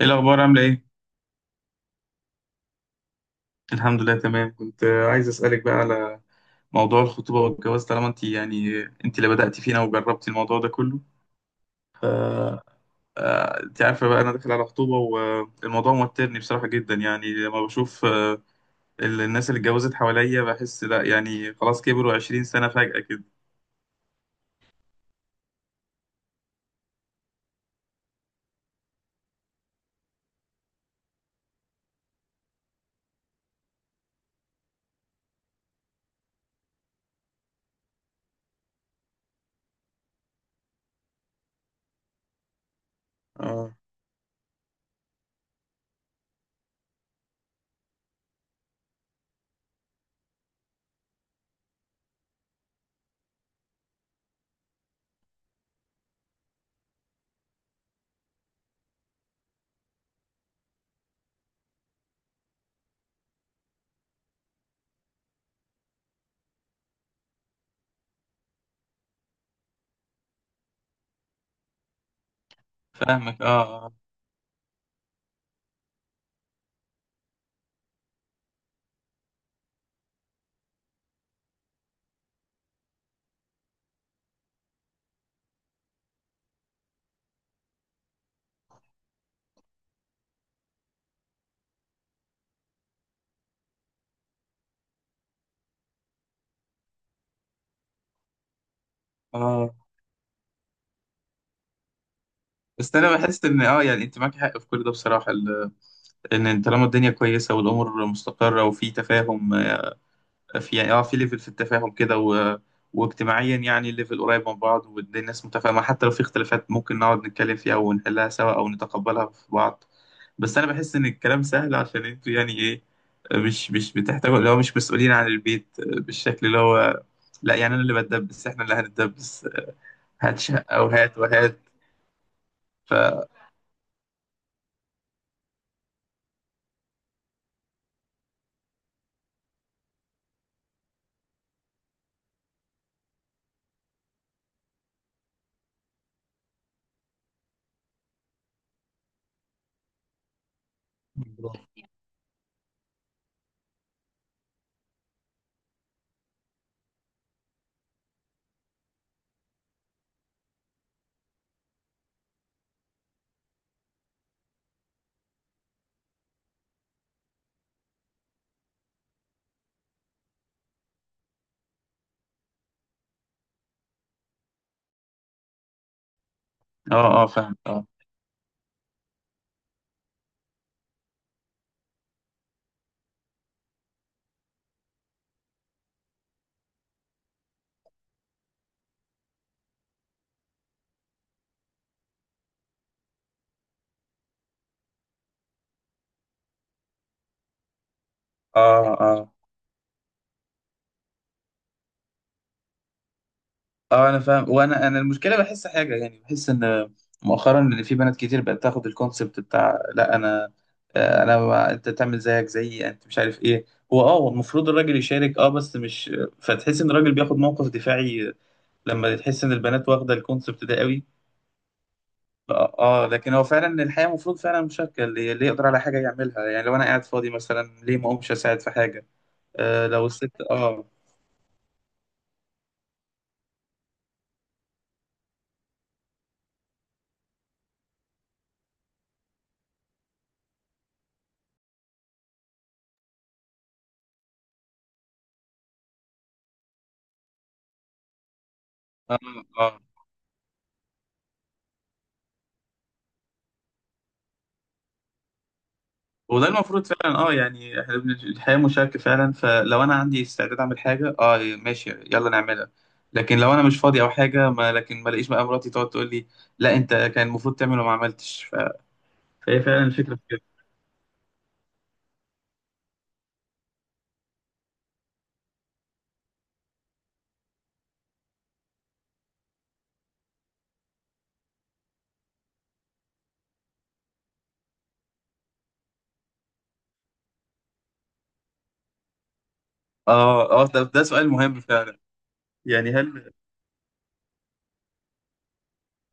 ايه الاخبار؟ عامله ايه؟ الحمد لله. تمام. كنت عايز اسالك بقى على موضوع الخطوبه والجواز، طالما انت يعني انت اللي بداتي فينا وجربتي الموضوع ده كله. ف انت عارفه بقى انا داخل على خطوبه، والموضوع موترني بصراحه جدا، يعني لما بشوف الناس اللي اتجوزت حواليا بحس لا، يعني خلاص كبروا 20 سنه فجاه كده. اه، فاهمك. اه اه آه. بس انا بحس ان يعني انت معاك حق في كل ده بصراحه، ان طالما الدنيا كويسه والامور مستقره وفي تفاهم، في يعني في ليفل في التفاهم كده واجتماعيا، يعني الليفل قريب من بعض والناس متفاهمة، حتى لو في اختلافات ممكن نقعد نتكلم فيها ونحلها سوا أو نتقبلها في بعض. بس أنا بحس إن الكلام سهل، عشان انتوا يعني إيه، مش بتحتاجوا، اللي هو مش مسؤولين عن البيت بالشكل اللي هو، لا يعني أنا اللي بتدبس، إحنا اللي هنتدبس، هات شقة وهات وهات. ف برافو. اه، برافو. اه، فاهم. اه اه آه اه. انا فاهم، وانا المشكله بحس حاجه يعني، بحس ان مؤخرا ان في بنات كتير بقت تاخد الكونسبت بتاع لا انا، انا انت تعمل زيك زيي، انت مش عارف ايه، هو المفروض الراجل يشارك، اه بس مش فتحس ان الراجل بياخد موقف دفاعي لما تحس ان البنات واخده الكونسبت ده قوي. اه، لكن هو فعلا الحياه المفروض فعلا مشاركه، اللي يقدر على حاجه يعملها، يعني لو انا قاعد فاضي مثلا، ليه ما اقومش اساعد في حاجه. لو الست اه آه. وده المفروض فعلا، اه، يعني احنا الحياة مشاركة فعلا، فلو انا عندي استعداد اعمل حاجة، اه ماشي يلا نعملها، لكن لو انا مش فاضي او حاجة ما، لكن ما الاقيش بقى مراتي تقعد تقول لي لا، انت كان المفروض تعمل وما عملتش. فهي فعلا الفكرة في كده. اه اه، ده سؤال مهم فعلا، يعني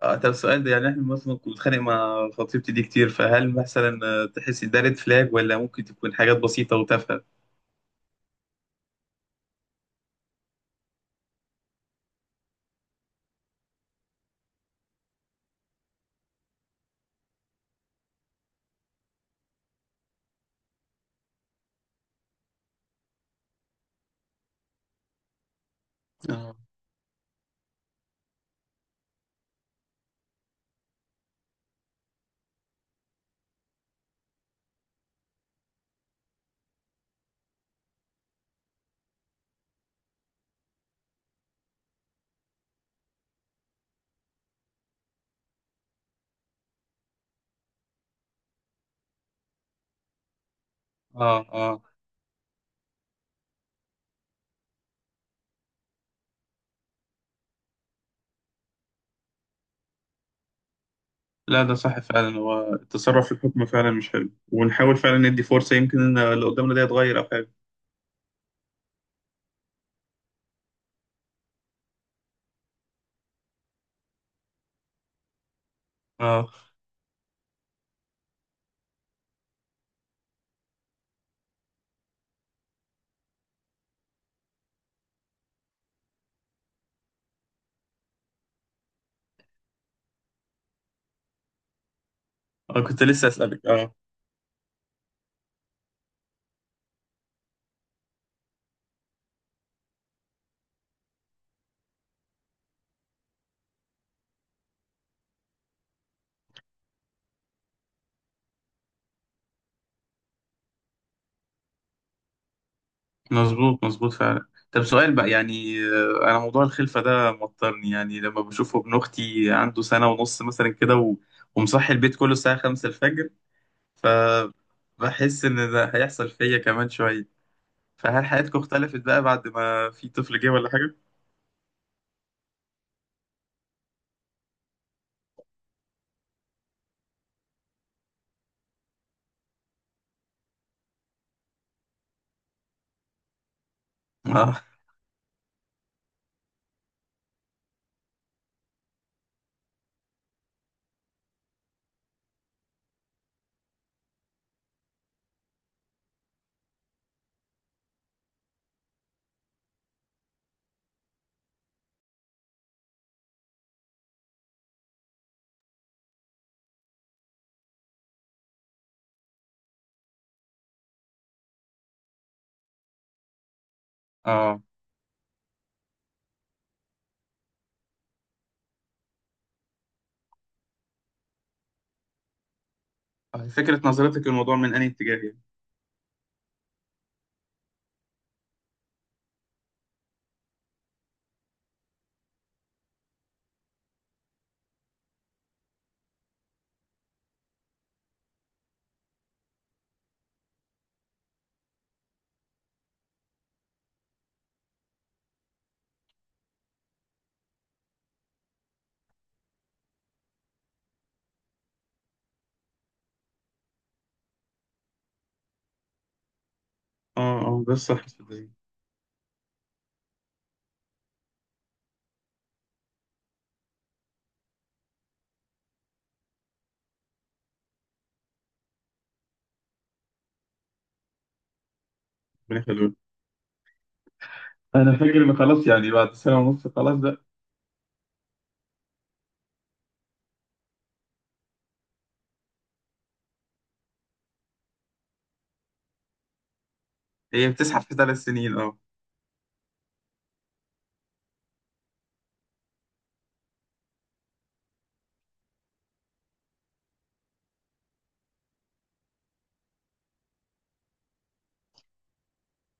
طب السؤال ده، يعني احنا مثلا كنت بتخانق مع خطيبتي دي كتير، فهل مثلا تحسي ده ريد فلاج، ولا ممكن تكون حاجات بسيطة وتافهة؟ اه اه اه. لا، ده صح فعلا، هو التصرف في الحكم فعلا مش حلو، ونحاول فعلا ندي فرصة، يمكن ان اللي قدامنا ده يتغير او حاجة. اه، انا كنت لسه اسألك. اه، مظبوط مظبوط فعلا. طب سؤال بقى يعني انا موضوع الخلفة ده موترني، يعني لما بشوفه، ابن اختي عنده سنة ونص مثلا كده ومصحي البيت كله الساعة 5 الفجر، فبحس ان ده هيحصل فيا كمان شوية، فهل حياتكم اختلفت بقى بعد ما في طفل جه ولا حاجة؟ اه اه، فكرة نظرتك للموضوع من أي اتجاه يعني؟ اه اه، ده الصح صدقني. ربنا يخليك. انا فاكر ان خلاص، يعني بعد سنه ونص خلاص بقى. هي بتزحف في 3 سنين، اه.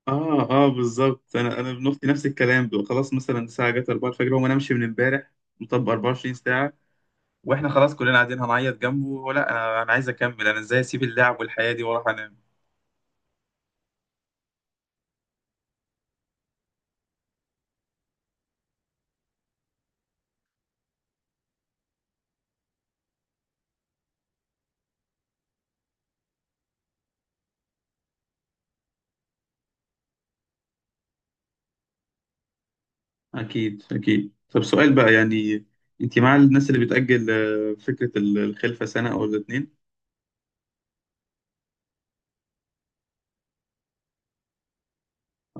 اه اه بالظبط، انا ابن اختي نفس الكلام بقى. خلاص مثلا الساعه جت 4 الفجر، هو ما نامش من امبارح، مطبق 24 ساعه، واحنا خلاص كلنا قاعدين هنعيط جنبه، ولا انا عايز اكمل، انا ازاي اسيب اللعب والحياه دي واروح انام؟ اكيد اكيد. طب سؤال بقى يعني، انت مع الناس اللي بتأجل فكره الخلفه سنه او الاتنين؟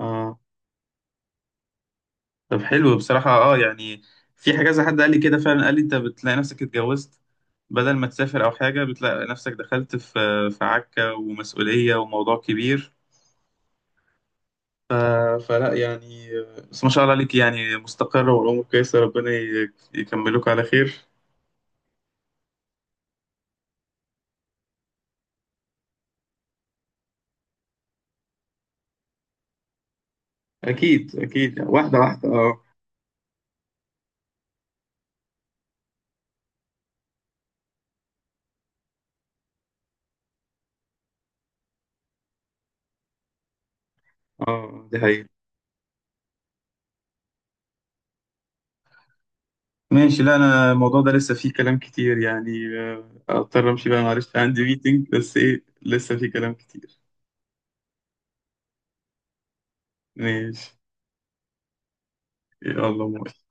اه، طب حلو بصراحة، يعني في حاجة زي حد قال لي كده فعلا، قال لي انت بتلاقي نفسك اتجوزت بدل ما تسافر او حاجة، بتلاقي نفسك دخلت في عكة ومسؤولية وموضوع كبير. ف... فلا يعني، بس ما شاء الله عليك يعني، مستقرة والامور كويسة، ربنا يكملوك على خير. اكيد اكيد واحدة واحدة. اه، اه دي حقيقة. ماشي. لا انا الموضوع ده لسه فيه كلام كتير، يعني اضطر امشي بقى، معلش عندي ميتنج، بس ايه لسه فيه كلام كتير. ماشي، يلا ماشي.